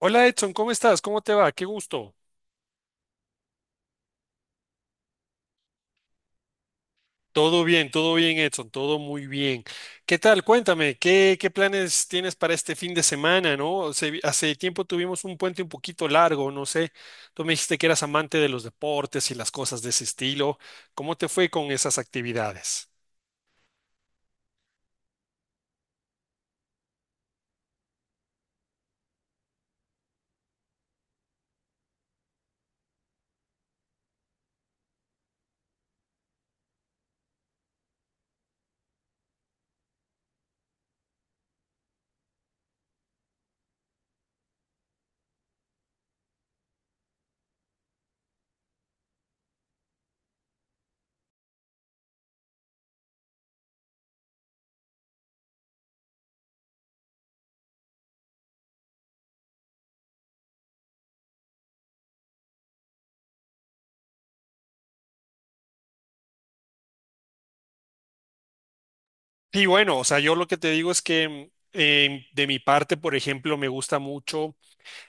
Hola Edson, ¿cómo estás? ¿Cómo te va? Qué gusto. Todo bien Edson, todo muy bien. ¿Qué tal? Cuéntame, ¿qué planes tienes para este fin de semana, no? Hace tiempo tuvimos un puente un poquito largo, no sé. Tú me dijiste que eras amante de los deportes y las cosas de ese estilo. ¿Cómo te fue con esas actividades? Sí, bueno, o sea, yo lo que te digo es que de mi parte, por ejemplo, me gusta mucho,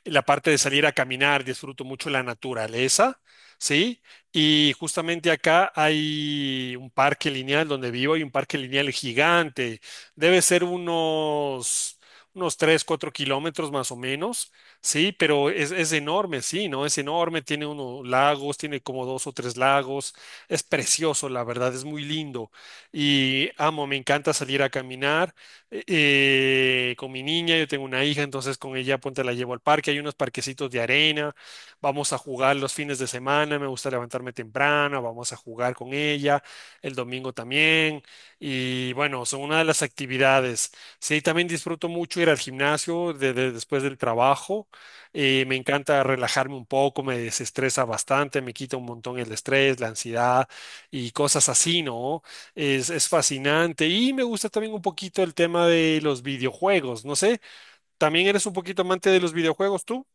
la parte de salir a caminar, disfruto mucho la naturaleza, ¿sí? Y justamente acá hay un parque lineal donde vivo, hay un parque lineal gigante, debe ser unos, 3, 4 kilómetros más o menos, ¿sí? Pero es enorme, sí, ¿no? Es enorme, tiene unos lagos, tiene como dos o tres lagos, es precioso, la verdad, es muy lindo. Y amo, me encanta salir a caminar eh, con mi niña, yo tengo una hija, entonces con ella ponte la llevo al parque, hay unos parquecitos de arena, vamos a jugar los fines de semana, me gusta levantarme temprano, vamos a jugar con ella, el domingo también, y bueno, son una de las actividades. Sí, también disfruto mucho ir al gimnasio después del trabajo, me encanta relajarme un poco, me desestresa bastante, me quita un montón el estrés, la ansiedad y cosas así, ¿no? es fascinante y me gusta también un poquito el tema de los videojuegos. No sé, ¿también eres un poquito amante de los videojuegos tú?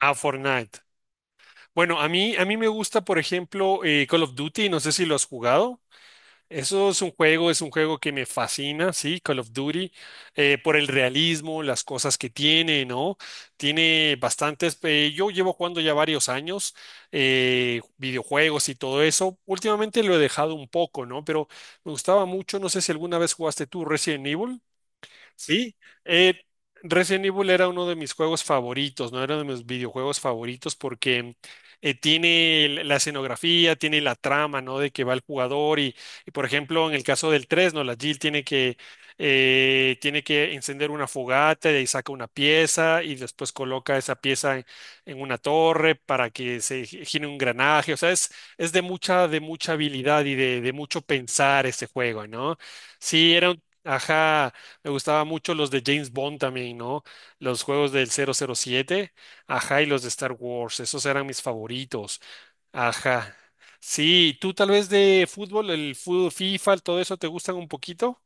A Fortnite. Bueno, a mí me gusta, por ejemplo, Call of Duty, no sé si lo has jugado. Eso es un juego que me fascina, sí, Call of Duty, por el realismo, las cosas que tiene, ¿no? Tiene bastantes, yo llevo jugando ya varios años, videojuegos y todo eso. Últimamente lo he dejado un poco, ¿no? Pero me gustaba mucho, no sé si alguna vez jugaste tú Resident Evil. Sí, eh, Resident Evil era uno de mis juegos favoritos, no era de mis videojuegos favoritos porque tiene la escenografía, tiene la trama, ¿no? De que va el jugador y, por ejemplo, en el caso del 3, ¿no? La Jill tiene que encender una fogata y ahí saca una pieza y después coloca esa pieza en, una torre para que se gire un engranaje. O sea, es, de mucha habilidad y de mucho pensar este juego, ¿no? Sí, ajá. Me gustaba mucho los de James Bond también, ¿no? Los juegos del 007, ajá, y los de Star Wars, esos eran mis favoritos, ajá. Sí, ¿tú tal vez de fútbol, el fútbol, FIFA, todo eso te gustan un poquito?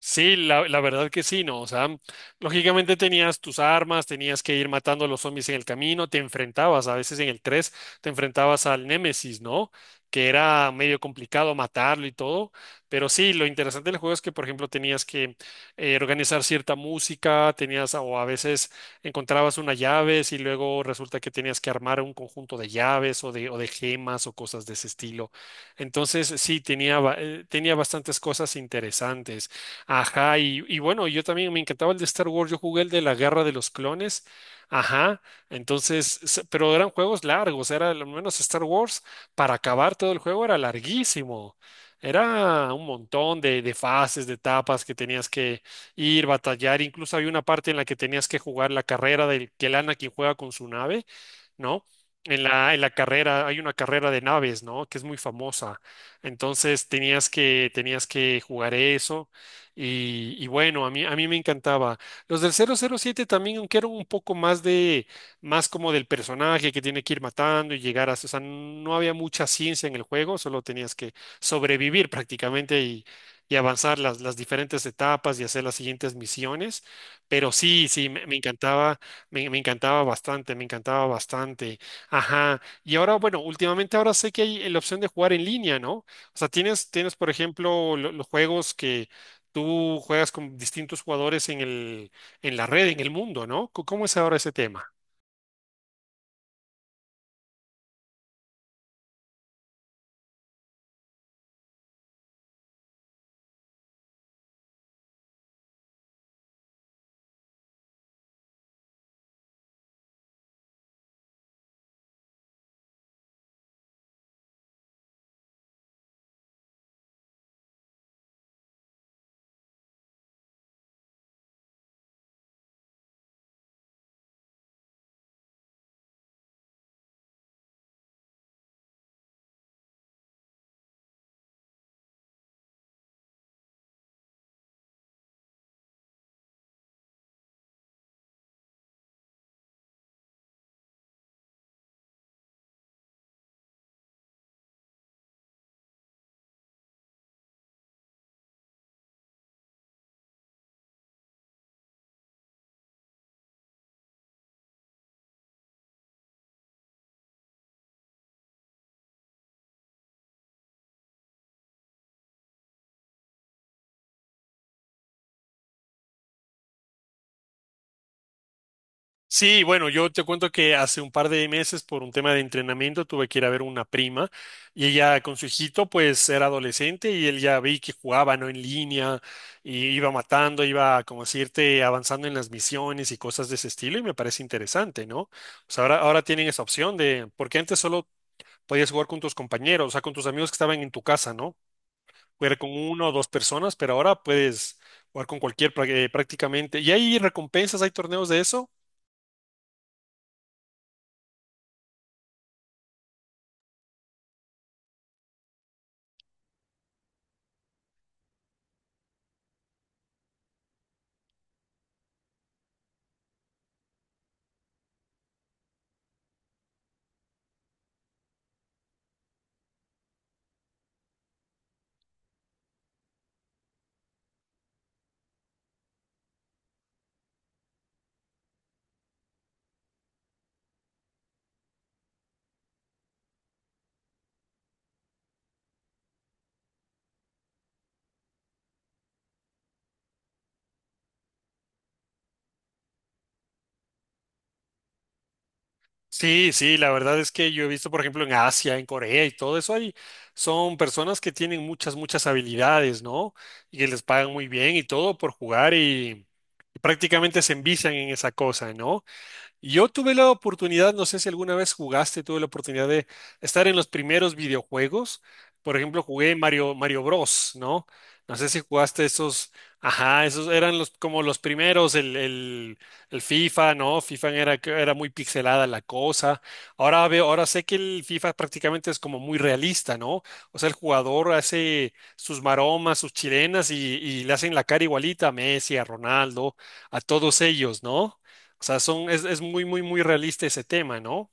Sí, la verdad que sí, ¿no? O sea, lógicamente tenías tus armas, tenías que ir matando a los zombies en el camino, te enfrentabas, a veces en el 3, te enfrentabas al Némesis, ¿no? Que era medio complicado matarlo y todo, pero sí, lo interesante del juego es que, por ejemplo, tenías que organizar cierta música, tenías, o a veces encontrabas unas llaves y luego resulta que tenías que armar un conjunto de llaves o de, gemas o cosas de ese estilo. Entonces, sí, tenía bastantes cosas interesantes. Ajá, y bueno, yo también me encantaba el de Star Wars, yo jugué el de la Guerra de los Clones, ajá, entonces, pero eran juegos largos, era al menos Star Wars, para acabar todo el juego era larguísimo, era un montón de fases, de etapas que tenías que ir, batallar, incluso había una parte en la que tenías que jugar la carrera del que el Anakin juega con su nave, ¿no? En la carrera, hay una carrera de naves, ¿no? Que es muy famosa. Entonces tenías que jugar eso. Y bueno, a mí me encantaba. Los del 007 también, aunque eran un poco más de, más como del personaje que tiene que ir matando y llegar a, o sea, no había mucha ciencia en el juego, solo tenías que sobrevivir prácticamente y, avanzar las diferentes etapas y hacer las siguientes misiones. Pero sí, sí, me encantaba, me encantaba bastante, me encantaba bastante. Ajá. Y ahora, bueno, últimamente ahora sé que hay la opción de jugar en línea, ¿no? O sea, tienes, por ejemplo, los juegos que tú juegas con distintos jugadores en la red, en el mundo, ¿no? ¿Cómo es ahora ese tema? Sí, bueno, yo te cuento que hace un par de meses por un tema de entrenamiento tuve que ir a ver una prima y ella con su hijito pues era adolescente y él ya vi que jugaba, ¿no? En línea y iba matando, iba como decirte avanzando en las misiones y cosas de ese estilo y me parece interesante, ¿no? O sea, ahora, ahora tienen esa opción de, porque antes solo podías jugar con tus compañeros, o sea, con tus amigos que estaban en tu casa, ¿no? Era con uno o dos personas, pero ahora puedes jugar con cualquier prácticamente. ¿Y hay recompensas, hay torneos de eso? Sí, sí, la verdad es que yo he visto, por ejemplo, en Asia, en Corea y todo eso, son personas que tienen muchas, muchas habilidades, ¿no? Y que les pagan muy bien y todo por jugar y, prácticamente se envician en esa cosa, ¿no? Yo tuve la oportunidad, no sé si alguna vez jugaste, tuve la oportunidad de estar en los primeros videojuegos. Por ejemplo, jugué Mario, Mario Bros, ¿no? No sé si jugaste esos, ajá, esos eran los como los primeros, el, FIFA, ¿no? FIFA era, que era muy pixelada la cosa. Ahora veo, ahora sé que el FIFA prácticamente es como muy realista, ¿no? O sea, el jugador hace sus maromas, sus chilenas y, le hacen la cara igualita a Messi, a Ronaldo, a todos ellos, ¿no? O sea, es, muy, muy, muy realista ese tema, ¿no?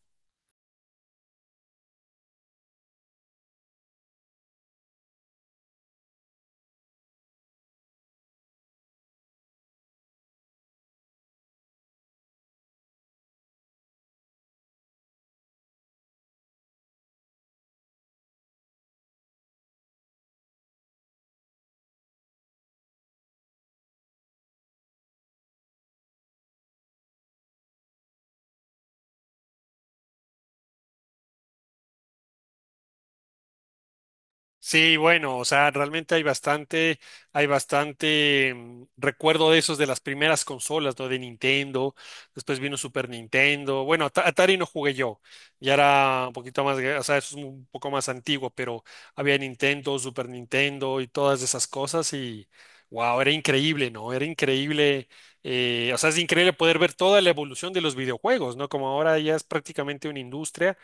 Sí, bueno, o sea, realmente hay bastante recuerdo de esos de las primeras consolas, ¿no? De Nintendo, después vino Super Nintendo, bueno, Atari no jugué yo, ya era un poquito más, o sea, eso es un poco más antiguo, pero había Nintendo, Super Nintendo y todas esas cosas y, wow, era increíble, ¿no? Era increíble, o sea, es increíble poder ver toda la evolución de los videojuegos, ¿no? Como ahora ya es prácticamente una industria.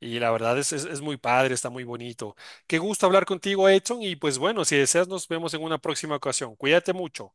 Y la verdad es, muy padre, está muy bonito. Qué gusto hablar contigo, Edson. Y pues bueno, si deseas, nos vemos en una próxima ocasión. Cuídate mucho.